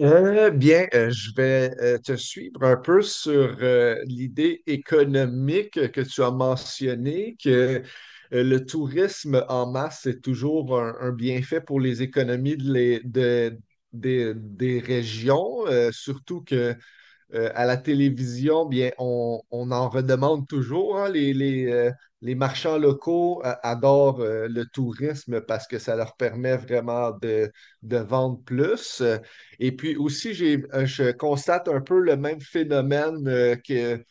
Je vais te suivre un peu sur l'idée économique que tu as mentionnée, que le tourisme en masse est toujours un bienfait pour les économies des régions, surtout que à la télévision, bien, on en redemande toujours, hein. Les marchands locaux adorent le tourisme parce que ça leur permet vraiment de vendre plus. Et puis aussi, je constate un peu le même phénomène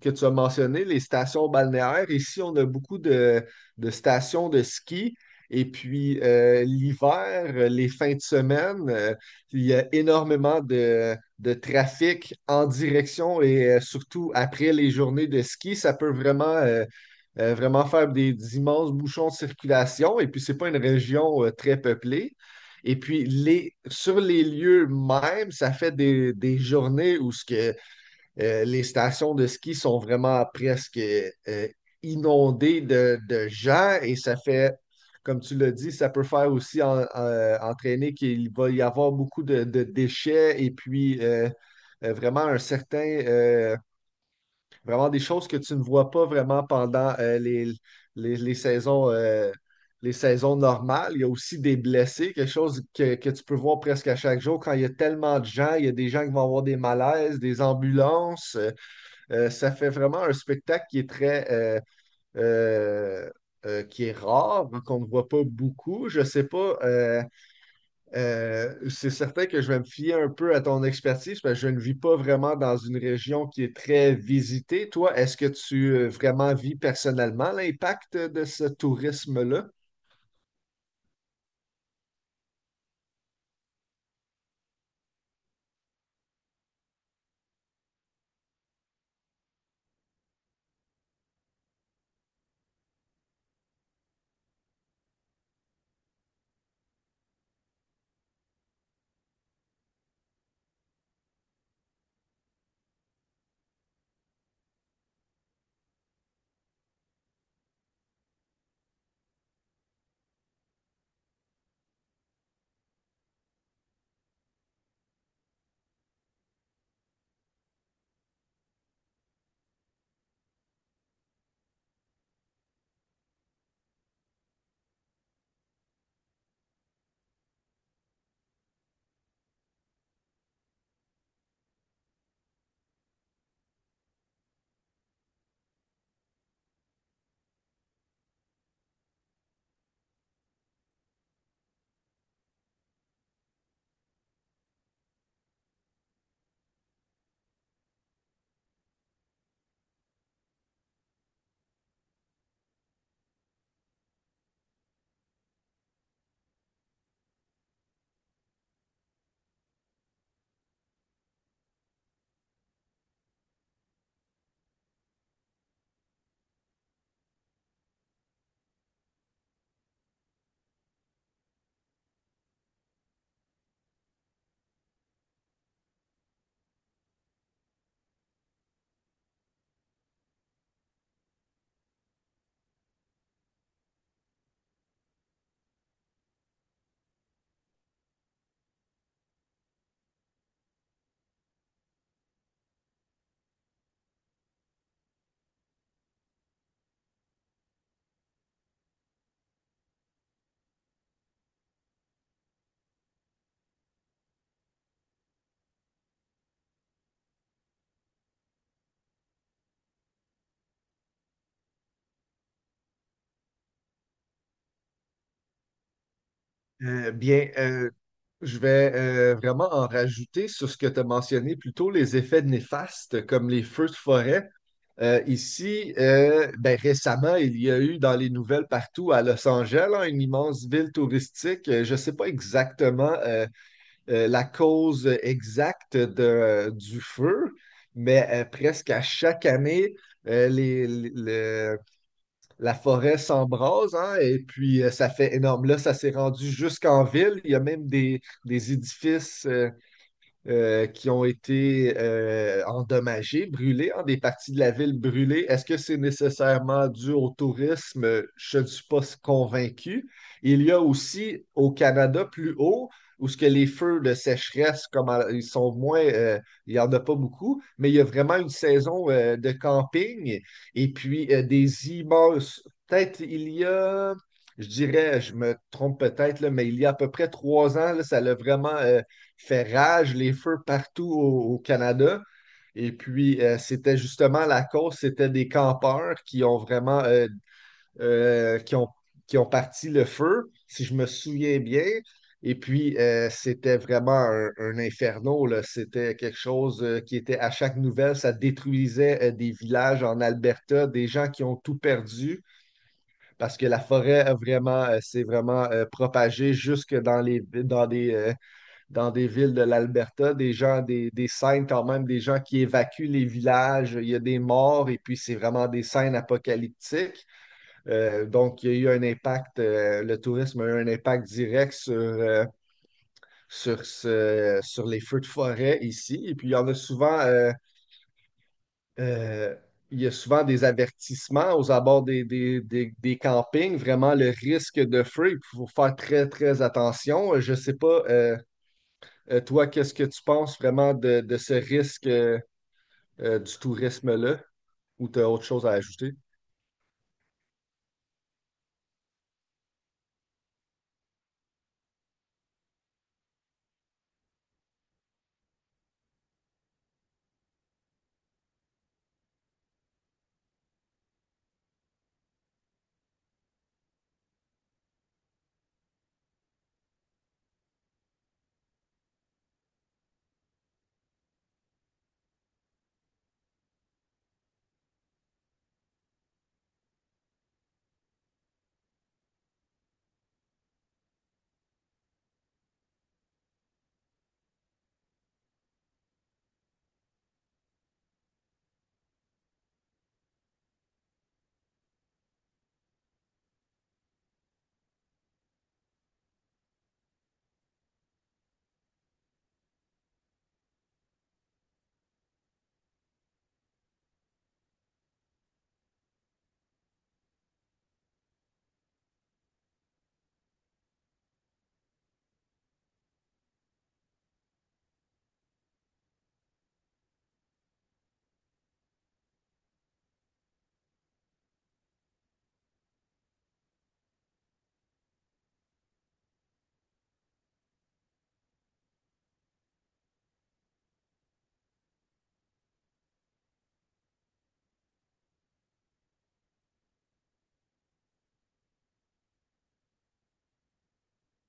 que tu as mentionné, les stations balnéaires. Ici, on a beaucoup de stations de ski. Et puis, l'hiver, les fins de semaine, il y a énormément de trafic en direction et surtout après les journées de ski, ça peut vraiment faire des immenses bouchons de circulation. Et puis, c'est pas une région très peuplée. Et puis, les, sur les lieux même, ça fait des journées où ce que les stations de ski sont vraiment presque euh, inondées de gens et ça fait, comme tu l'as dit, ça peut faire aussi entraîner qu'il va y avoir beaucoup de déchets et puis vraiment un certain, vraiment des choses que tu ne vois pas vraiment pendant les saisons. Les saisons normales, il y a aussi des blessés, quelque chose que tu peux voir presque à chaque jour quand il y a tellement de gens, il y a des gens qui vont avoir des malaises, des ambulances. Ça fait vraiment un spectacle qui est très euh, qui est rare, hein, qu'on ne voit pas beaucoup. Je ne sais pas, c'est certain que je vais me fier un peu à ton expertise parce que je ne vis pas vraiment dans une région qui est très visitée. Toi, est-ce que tu vraiment vis personnellement l'impact de ce tourisme-là? Euh, bien, euh, je vais vraiment en rajouter sur ce que tu as mentionné plus tôt, les effets néfastes comme les feux de forêt. Ici, ben, récemment, il y a eu dans les nouvelles partout à Los Angeles, hein, une immense ville touristique. Je ne sais pas exactement la cause exacte du feu, mais presque à chaque année, euh, les, les- le- la forêt s'embrase, hein, et puis ça fait énorme. Là, ça s'est rendu jusqu'en ville. Il y a même des édifices qui ont été endommagées, brûlées, hein, des parties de la ville brûlées. Est-ce que c'est nécessairement dû au tourisme? Je ne suis pas convaincu. Il y a aussi au Canada plus haut, où ce que les feux de sécheresse, ils sont moins, il n'y en a pas beaucoup, mais il y a vraiment une saison de camping et puis des immenses. Peut-être il y a. Je dirais, je me trompe peut-être, là, mais il y a à peu près trois ans, là, ça a vraiment fait rage, les feux partout au Canada. Et puis, c'était justement la cause, c'était des campeurs qui ont vraiment, euh, qui ont, qui ont parti le feu, si je me souviens bien. Et puis, c'était vraiment un inferno, là. C'était quelque chose qui était à chaque nouvelle, ça détruisait des villages en Alberta, des gens qui ont tout perdu parce que la forêt a vraiment s'est vraiment propagée jusque dans les, dans des villes de l'Alberta, des gens, des scènes quand même, des gens qui évacuent les villages, il y a des morts et puis c'est vraiment des scènes apocalyptiques. Donc, il y a eu un impact, le tourisme a eu un impact direct sur les feux de forêt ici. Et puis, il y en a souvent, euh, il y a souvent des avertissements aux abords des campings, vraiment le risque de feu. Il faut faire très, très attention. Je ne sais pas. Toi, qu'est-ce que tu penses vraiment de ce risque du tourisme-là, ou tu as autre chose à ajouter?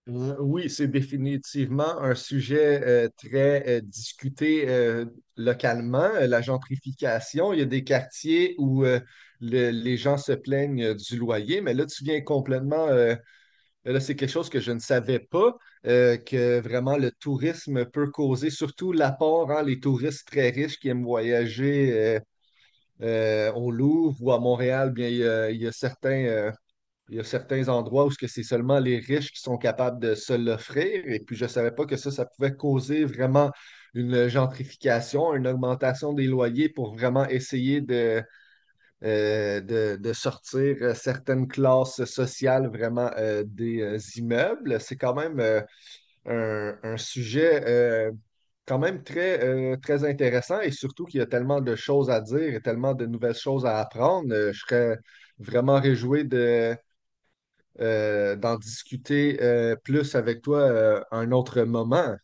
Oui, c'est définitivement un sujet très discuté localement, la gentrification. Il y a des quartiers où les gens se plaignent du loyer, mais là, tu viens complètement, là, c'est quelque chose que je ne savais pas, que vraiment le tourisme peut causer, surtout l'apport, hein, les touristes très riches qui aiment voyager. Au Louvre ou à Montréal, bien, il y a, il y a il y a certains endroits où ce que c'est seulement les riches qui sont capables de se l'offrir. Et puis, je ne savais pas que ça pouvait causer vraiment une gentrification, une augmentation des loyers pour vraiment essayer de sortir certaines classes sociales vraiment des immeubles. C'est quand même un sujet quand même très intéressant et surtout qu'il y a tellement de choses à dire et tellement de nouvelles choses à apprendre. Je serais vraiment réjoui d'en discuter plus avec toi un autre moment.